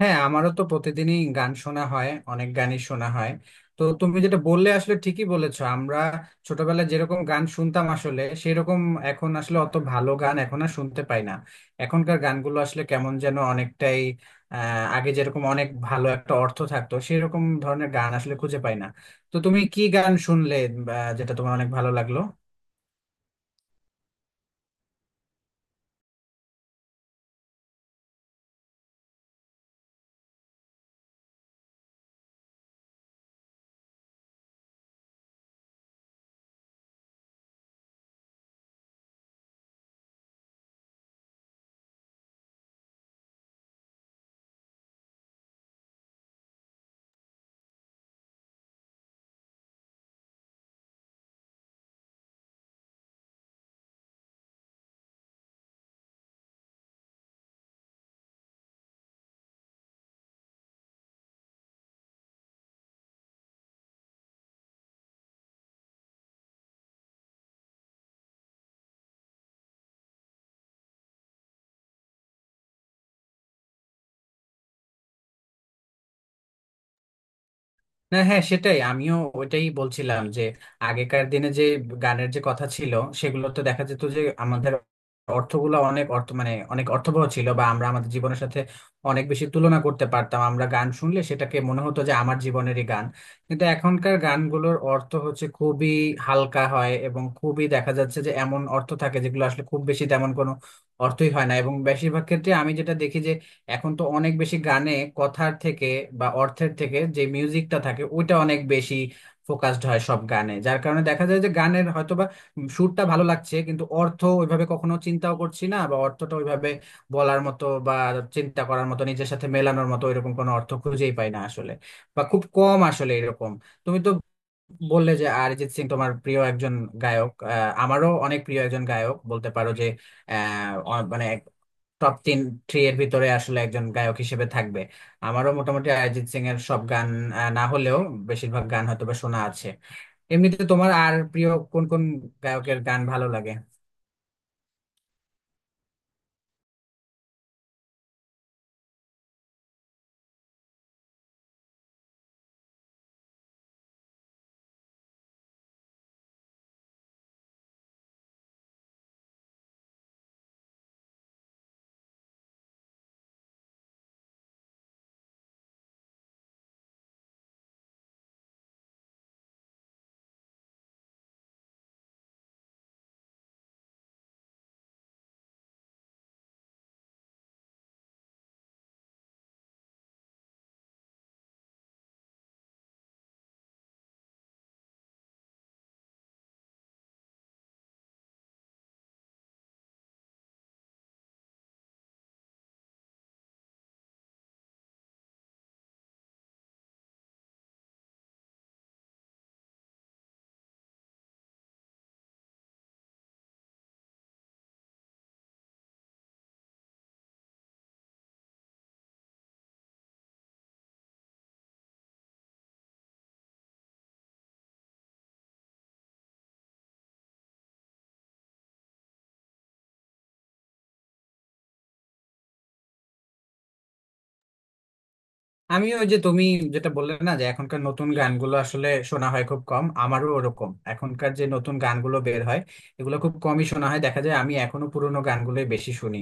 হ্যাঁ, আমারও তো প্রতিদিনই গান শোনা হয়, অনেক গানই শোনা হয়। তো তুমি যেটা বললে আসলে ঠিকই বলেছো। আমরা ছোটবেলায় যেরকম গান শুনতাম আসলে সেরকম এখন আসলে অত ভালো গান এখন আর শুনতে পাই না। এখনকার গানগুলো আসলে কেমন যেন অনেকটাই আহ আগে যেরকম অনেক ভালো একটা অর্থ থাকতো সেরকম ধরনের গান আসলে খুঁজে পাই না। তো তুমি কি গান শুনলে বা যেটা তোমার অনেক ভালো লাগলো? না, হ্যাঁ সেটাই আমিও ওইটাই বলছিলাম যে আগেকার দিনে যে গানের যে কথা ছিল সেগুলো তো দেখা যেত যে আমাদের অর্থগুলো অনেক অর্থ মানে অনেক অর্থবহ ছিল, বা আমরা আমাদের জীবনের সাথে অনেক বেশি তুলনা করতে পারতাম, আমরা গান শুনলে সেটাকে মনে হতো যে আমার জীবনেরই গান। কিন্তু এখনকার গানগুলোর অর্থ হচ্ছে খুবই হালকা হয়, এবং খুবই দেখা যাচ্ছে যে এমন অর্থ থাকে যেগুলো আসলে খুব বেশি তেমন কোনো অর্থই হয় না। এবং বেশিরভাগ ক্ষেত্রে আমি যেটা দেখি, এখন তো অনেক বেশি গানে কথার থেকে বা অর্থের থেকে যে মিউজিকটা থাকে ওইটা অনেক বেশি ফোকাসড হয় সব গানে, যার কারণে দেখা যায় যে গানের হয়তোবা সুরটা ভালো লাগছে, কিন্তু অর্থ ওইভাবে কখনো চিন্তাও করছি না, বা অর্থটা ওইভাবে বলার মতো বা চিন্তা করার মতো নিজের সাথে মেলানোর মতো এরকম কোনো অর্থ খুঁজেই পাই না আসলে, বা খুব কম আসলে এরকম। তুমি তো বললে যে অরিজিৎ সিং তোমার প্রিয় একজন গায়ক। আমারও অনেক প্রিয় একজন গায়ক বলতে পারো যে মানে টপ থ্রি এর ভিতরে আসলে একজন গায়ক হিসেবে থাকবে। আমারও মোটামুটি অরিজিৎ সিং এর সব গান না হলেও বেশিরভাগ গান হয়তোবা শোনা আছে। এমনিতে তোমার আর প্রিয় কোন কোন গায়কের গান ভালো লাগে? আমি ওই যে তুমি যেটা বললে না যে এখনকার নতুন গানগুলো আসলে শোনা হয় খুব কম, আমারও ওরকম এখনকার যে নতুন গানগুলো বের হয় এগুলো খুব কমই শোনা হয়। দেখা যায় আমি এখনো পুরোনো গানগুলোই বেশি শুনি।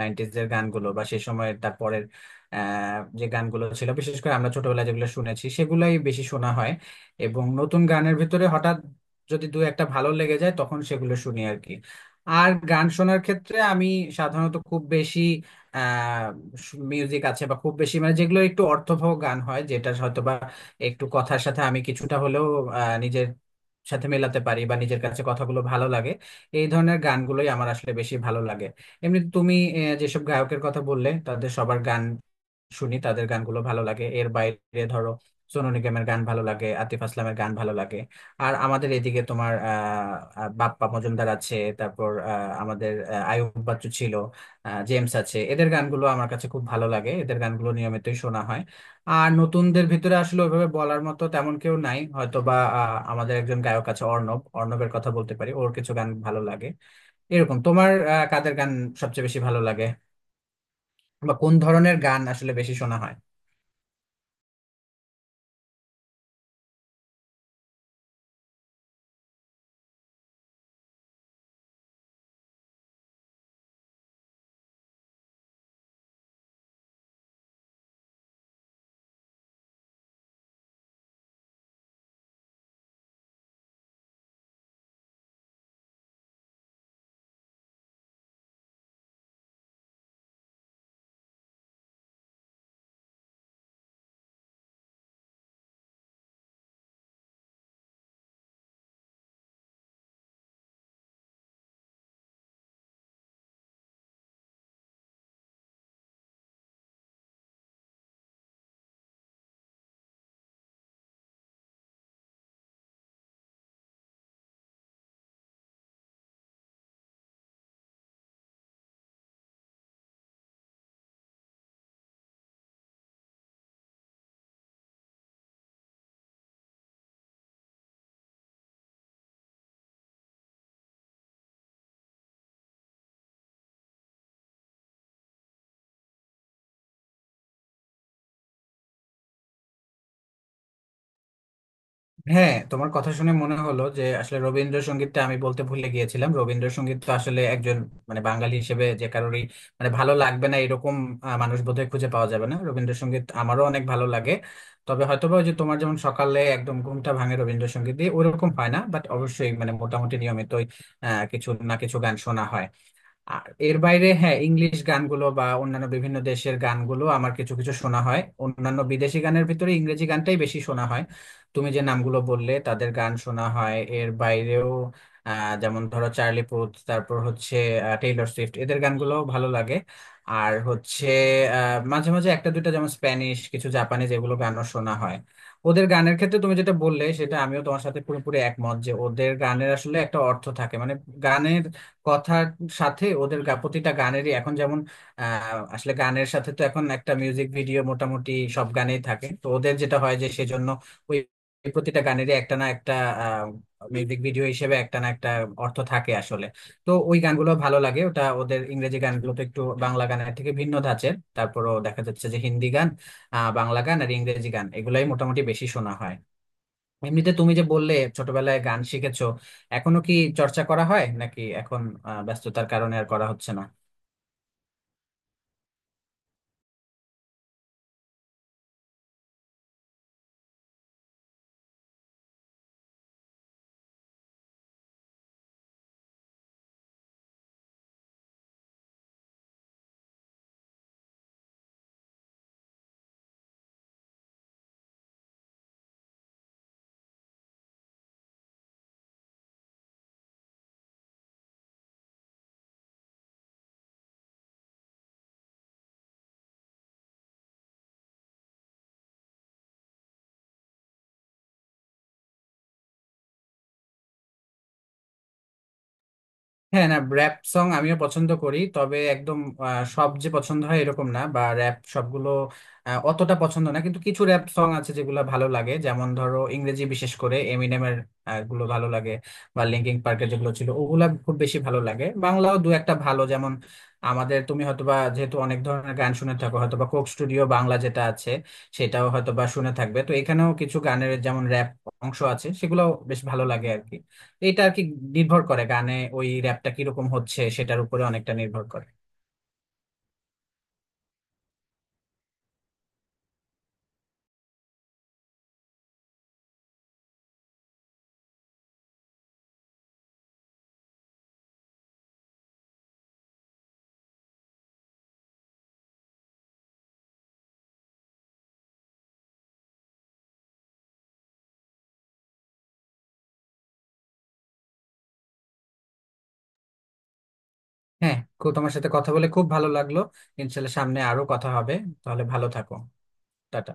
নাইনটিজ এর গানগুলো বা সেই সময়ের তারপরের যে গানগুলো ছিল বিশেষ করে আমরা ছোটবেলায় যেগুলো শুনেছি সেগুলাই বেশি শোনা হয়। এবং নতুন গানের ভিতরে হঠাৎ যদি দু একটা ভালো লেগে যায় তখন সেগুলো শুনি আর কি। আর গান শোনার ক্ষেত্রে আমি সাধারণত খুব বেশি মিউজিক আছে বা খুব বেশি মানে যেগুলো একটু অর্থবহ গান হয়, যেটা হয়তো বা একটু কথার সাথে আমি কিছুটা হলেও নিজের সাথে মেলাতে পারি বা নিজের কাছে কথাগুলো ভালো লাগে, এই ধরনের গানগুলোই আমার আসলে বেশি ভালো লাগে। এমনি তুমি যেসব গায়কের কথা বললে তাদের সবার গান শুনি, তাদের গানগুলো ভালো লাগে। এর বাইরে ধরো সোনু নিগমের গান ভালো লাগে, আতিফ আসলামের গান ভালো লাগে। আর আমাদের এদিকে তোমার আহ আহ, বাপ্পা মজুমদার আছে, তারপর আমাদের আয়ুব বাচ্চু ছিল, জেমস আছে, এদের গানগুলো আমার কাছে খুব ভালো লাগে, এদের গানগুলো নিয়মিতই শোনা হয়। আর নতুনদের ভিতরে আসলে ওইভাবে বলার মতো তেমন কেউ নাই, হয়তো বা আমাদের একজন গায়ক আছে অর্ণব, অর্ণবের কথা বলতে পারি, ওর কিছু গান ভালো লাগে। এরকম তোমার কাদের গান সবচেয়ে বেশি ভালো লাগে বা কোন ধরনের গান আসলে বেশি শোনা হয়? হ্যাঁ, তোমার কথা শুনে মনে হলো যে আসলে রবীন্দ্রসঙ্গীতটা আমি বলতে ভুলে গিয়েছিলাম। রবীন্দ্রসঙ্গীত তো আসলে একজন মানে বাঙালি হিসেবে যে কারোরই মানে ভালো লাগবে না এরকম মানুষ বোধহয় খুঁজে পাওয়া যাবে না। রবীন্দ্রসঙ্গীত আমারও অনেক ভালো লাগে। তবে হয়তোবা ওই যে তোমার যেমন সকালে একদম ঘুমটা ভাঙে রবীন্দ্রসঙ্গীত দিয়ে ওরকম হয় না, বাট অবশ্যই মানে মোটামুটি নিয়মিতই কিছু না কিছু গান শোনা হয়। আর এর বাইরে হ্যাঁ ইংলিশ গানগুলো বা অন্যান্য বিভিন্ন দেশের গানগুলো আমার কিছু কিছু শোনা হয়। অন্যান্য বিদেশি গানের ভিতরে ইংরেজি গানটাই বেশি শোনা হয়। তুমি যে নামগুলো বললে তাদের গান শোনা হয়, এর বাইরেও যেমন ধরো চার্লি পুথ, তারপর হচ্ছে টেইলর সুইফট, এদের গানগুলো ভালো লাগে। আর হচ্ছে মাঝে মাঝে একটা দুইটা যেমন স্প্যানিশ কিছু জাপানিজ এগুলো গানও শোনা হয়। ওদের গানের ক্ষেত্রে তুমি যেটা বললে সেটা আমিও তোমার সাথে পুরোপুরি একমত যে ওদের গানের আসলে একটা অর্থ থাকে মানে গানের কথার সাথে ওদের প্রতিটা গানেরই এখন যেমন আসলে গানের সাথে তো এখন একটা মিউজিক ভিডিও মোটামুটি সব গানেই থাকে, তো ওদের যেটা হয় যে সেজন্য ওই প্রতিটা গানেরই একটা না একটা মিউজিক ভিডিও হিসেবে একটা না একটা অর্থ থাকে আসলে। তো ওই গানগুলো ভালো লাগে। ওটা ওদের ইংরেজি গানগুলো তো একটু বাংলা গানের থেকে ভিন্ন ধাঁচের। তারপরও দেখা যাচ্ছে যে হিন্দি গান, বাংলা গান আর ইংরেজি গান এগুলাই মোটামুটি বেশি শোনা হয়। এমনিতে তুমি যে বললে ছোটবেলায় গান শিখেছো, এখনো কি চর্চা করা হয় নাকি এখন ব্যস্ততার কারণে আর করা হচ্ছে না? হ্যাঁ, না র্যাপ সং আমিও পছন্দ করি, তবে একদম সব যে পছন্দ হয় এরকম না, বা র্যাপ সবগুলো অতটা পছন্দ না। কিন্তু কিছু র্যাপ সং আছে যেগুলো ভালো লাগে, যেমন ধরো ইংরেজি বিশেষ করে এমিনেমের গুলো ভালো লাগে, বা লিঙ্কিং পার্কের যেগুলো ছিল ওগুলা খুব বেশি ভালো লাগে। বাংলাও দু একটা ভালো, যেমন আমাদের তুমি হয়তোবা যেহেতু অনেক ধরনের গান শুনে থাকো হয়তোবা কোক স্টুডিও বাংলা যেটা আছে সেটাও হয়তোবা শুনে থাকবে। তো এখানেও কিছু গানের যেমন র্যাপ অংশ আছে সেগুলো বেশ ভালো লাগে আর কি। এটা আর কি নির্ভর করে গানে ওই র্যাপটা কিরকম হচ্ছে সেটার উপরে অনেকটা নির্ভর করে। হ্যাঁ, খুব তোমার সাথে কথা বলে খুব ভালো লাগলো। ইনশাল্লাহ সামনে আরো কথা হবে। তাহলে ভালো থাকো। টাটা।